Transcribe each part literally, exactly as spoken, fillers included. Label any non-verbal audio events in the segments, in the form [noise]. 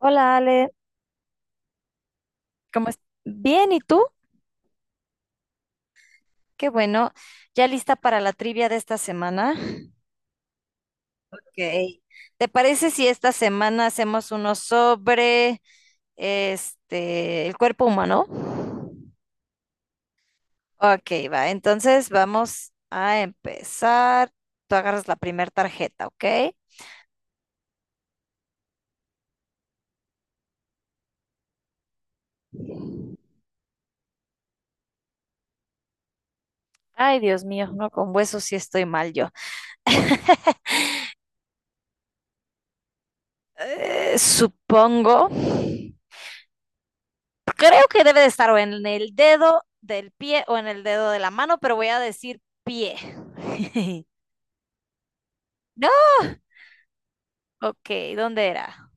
Hola Ale. ¿Cómo es Bien, ¿y tú? Qué bueno. ¿Ya lista para la trivia de esta semana? Ok. ¿Te parece si esta semana hacemos uno sobre este el cuerpo humano? Ok, va. Entonces vamos a empezar. Tú agarras la primera tarjeta, ¿ok? Ay, Dios mío. No, con huesos sí estoy mal yo. Eh, supongo. Creo que debe de estar o en el dedo del pie o en el dedo de la mano, pero voy a decir pie. [laughs] No, ok, ¿dónde era?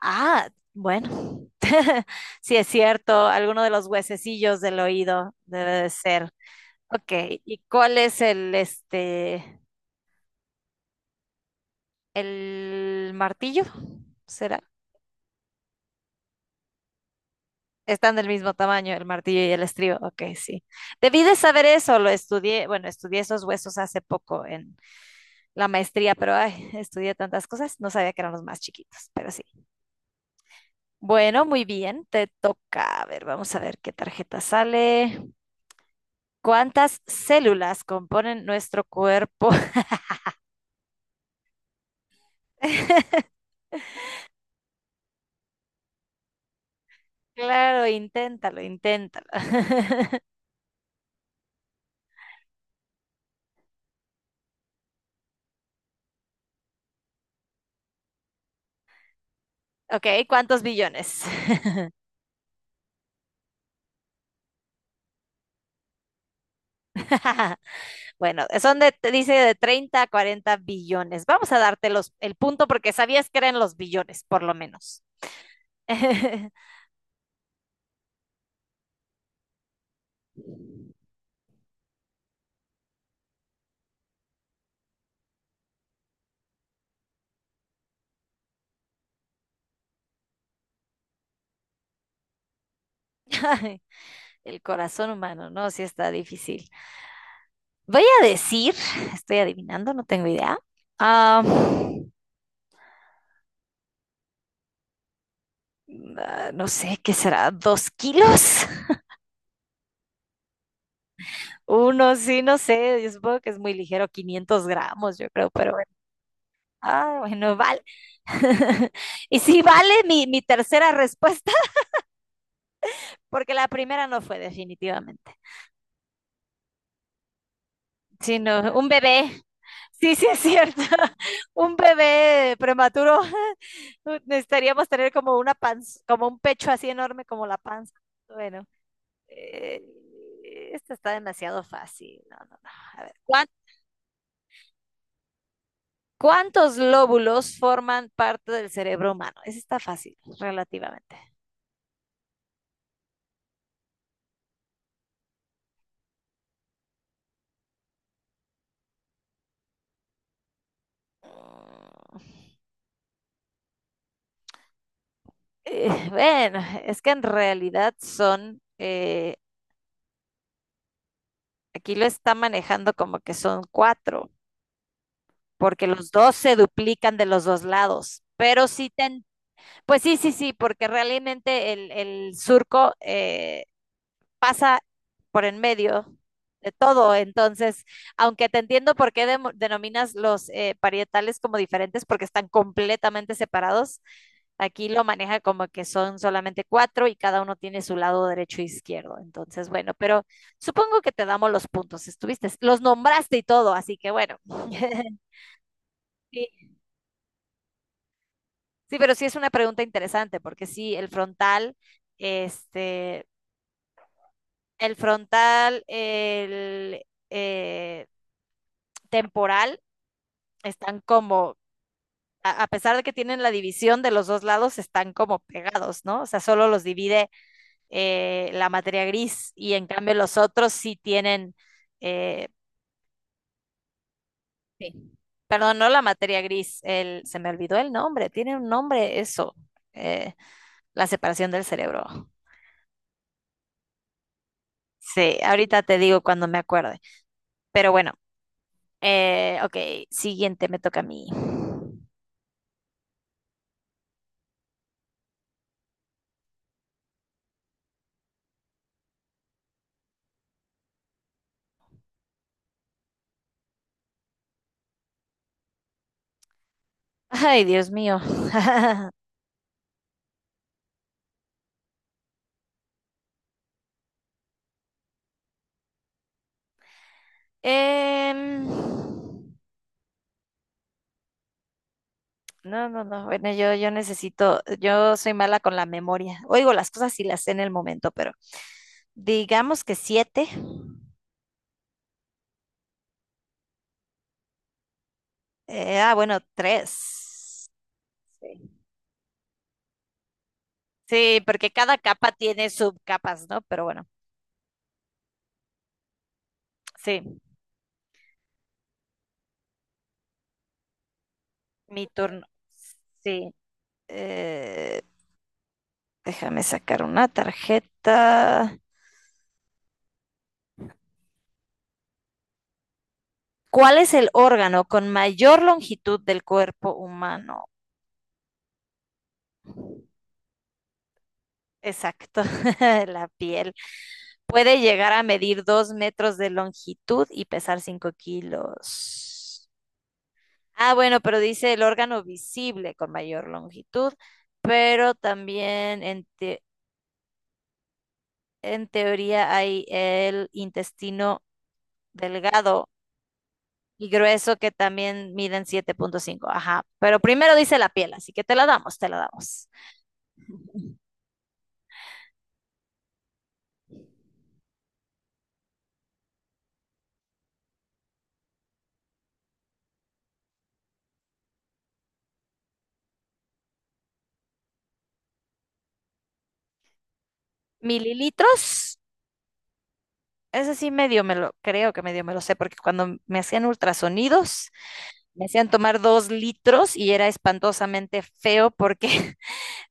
Ah, bueno, [laughs] sí es cierto, alguno de los huesecillos del oído debe de ser. Ok, ¿y cuál es el, este, el martillo? ¿Será? Están del mismo tamaño, el martillo y el estribo. Ok, sí. Debí de saber eso, lo estudié, bueno, estudié esos huesos hace poco en la maestría, pero ay, estudié tantas cosas, no sabía que eran los más chiquitos, pero sí. Bueno, muy bien, te toca. A ver, vamos a ver qué tarjeta sale. ¿Cuántas células componen nuestro cuerpo? [laughs] Claro, inténtalo, inténtalo. [laughs] Ok, ¿cuántos billones? [laughs] Bueno, son de, te dice de treinta a cuarenta billones. Vamos a darte los, el punto porque sabías que eran los billones, por lo menos. [laughs] Ay, el corazón humano, ¿no? Sí está difícil. Voy a decir, estoy adivinando, no tengo idea. Ah, ah, no sé, ¿qué será? ¿Dos kilos? [laughs] Uno, sí, no sé. Yo supongo que es muy ligero, quinientos gramos, yo creo, pero bueno. Ah, bueno, vale. [laughs] Y sí vale mi, mi tercera respuesta, [laughs] porque la primera no fue definitivamente, sino un bebé. Sí, sí, es cierto. [laughs] Un bebé prematuro. [laughs] Necesitaríamos tener como una panza, como un pecho así enorme como la panza. Bueno. Eh, Esta está demasiado fácil. No, no, no. A ver, ¿cuán- ¿cuántos lóbulos forman parte del cerebro humano? Esa está fácil, relativamente. Mm, eh, bueno, es que en realidad son, eh, aquí lo está manejando como que son cuatro, porque los dos se duplican de los dos lados. Pero sí, ten, pues sí, sí, sí, porque realmente el, el surco eh, pasa por en medio de todo. Entonces, aunque te entiendo por qué demo- denominas los eh, parietales como diferentes, porque están completamente separados, aquí lo maneja como que son solamente cuatro y cada uno tiene su lado derecho e izquierdo. Entonces, bueno, pero supongo que te damos los puntos. Estuviste, los nombraste y todo, así que bueno. [laughs] Sí, sí, pero sí es una pregunta interesante, porque sí, el frontal, este, el frontal, el, eh, temporal están como, a, a pesar de que tienen la división de los dos lados, están como pegados, ¿no? O sea, solo los divide eh, la materia gris y en cambio los otros sí tienen. eh, Sí. Perdón, no la materia gris, el, se me olvidó el nombre, tiene un nombre eso, eh, la separación del cerebro. Sí, ahorita te digo cuando me acuerde. Pero bueno, eh, ok, siguiente me toca a mí. Ay, Dios mío. [laughs] Em, No, no, no. Bueno, yo, yo necesito, yo soy mala con la memoria. Oigo las cosas y las sé en el momento, pero digamos que siete. Eh, ah, bueno, tres. Sí. Sí, porque cada capa tiene subcapas, ¿no? Pero bueno, sí, mi turno. Sí. Eh, Déjame sacar una tarjeta. ¿Cuál es el órgano con mayor longitud del cuerpo humano? Exacto, [laughs] la piel. Puede llegar a medir dos metros de longitud y pesar cinco kilos. Ah, bueno, pero dice el órgano visible con mayor longitud, pero también en, te- en teoría hay el intestino delgado y grueso que también miden siete punto cinco. Ajá, pero primero dice la piel, así que te la damos, te la damos. Mililitros, ese sí medio me lo, creo que medio me lo sé, porque cuando me hacían ultrasonidos me hacían tomar dos litros y era espantosamente feo porque, [laughs]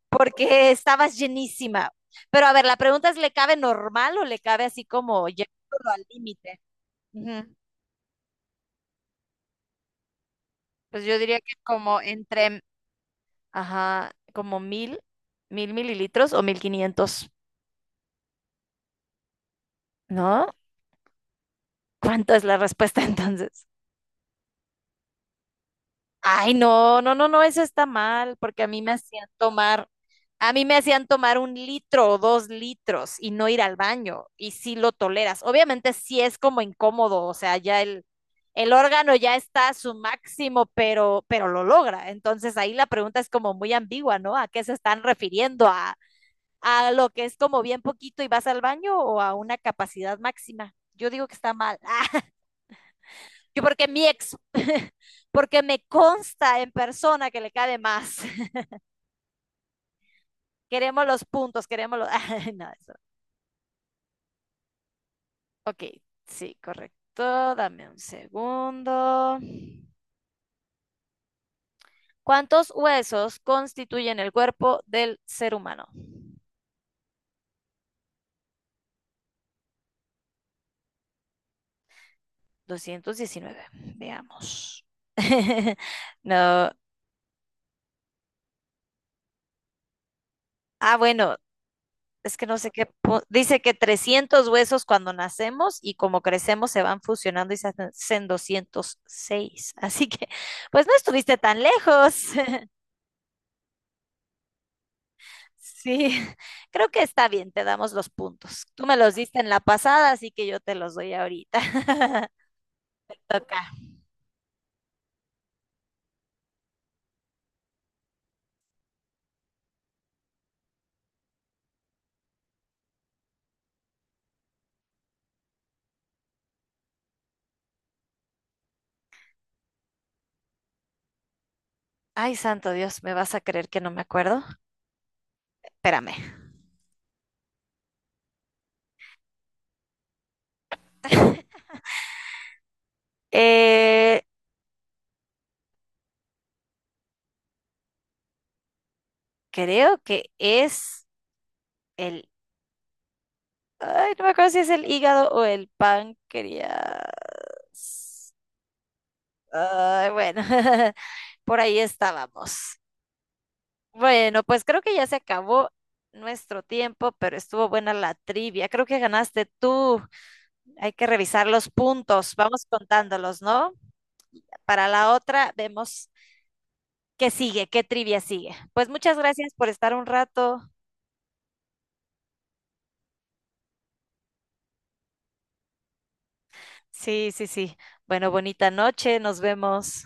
porque estabas llenísima. Pero a ver, la pregunta es, ¿le cabe normal o le cabe así como llevándolo al límite? Ujú. Pues yo diría que como entre, ajá, como mil, mil mililitros o mil quinientos, ¿no? ¿Cuánto es la respuesta [laughs] entonces? Ay, no, no, no, no, eso está mal, porque a mí me hacían tomar, a mí me hacían tomar un litro o dos litros y no ir al baño, y sí lo toleras. Obviamente sí es como incómodo, o sea, ya el, el órgano ya está a su máximo, pero, pero lo logra. Entonces ahí la pregunta es como muy ambigua, ¿no? ¿A qué se están refiriendo? ¿A, a lo que es como bien poquito y vas al baño o a una capacidad máxima? Yo digo que está mal. [laughs] Yo porque mi ex, [laughs] porque me consta en persona que le cabe más. [laughs] Queremos los puntos, queremos los... [laughs] Ay, no, eso. Ok, sí, correcto. Dame un segundo. ¿Cuántos huesos constituyen el cuerpo del ser humano? Doscientos diecinueve. Veamos. [laughs] No. Ah, bueno, es que no sé qué, po- dice que trescientos huesos cuando nacemos y como crecemos se van fusionando y se hacen doscientos seis. [laughs] Así que, pues no estuviste tan lejos. [laughs] Sí, creo que está bien, te damos los puntos. Tú me los diste en la pasada, así que yo te los doy ahorita. [laughs] Toca. Ay, santo Dios, ¿me vas a creer que no me acuerdo? Espérame. Eh, Creo que es el... Ay, no me acuerdo si es el hígado o el páncreas. Ay, bueno, [laughs] por ahí estábamos. Bueno, pues creo que ya se acabó nuestro tiempo, pero estuvo buena la trivia. Creo que ganaste tú. Hay que revisar los puntos. Vamos contándolos, ¿no? Para la otra vemos qué sigue, qué trivia sigue. Pues muchas gracias por estar un rato. Sí, sí, sí. Bueno, bonita noche. Nos vemos.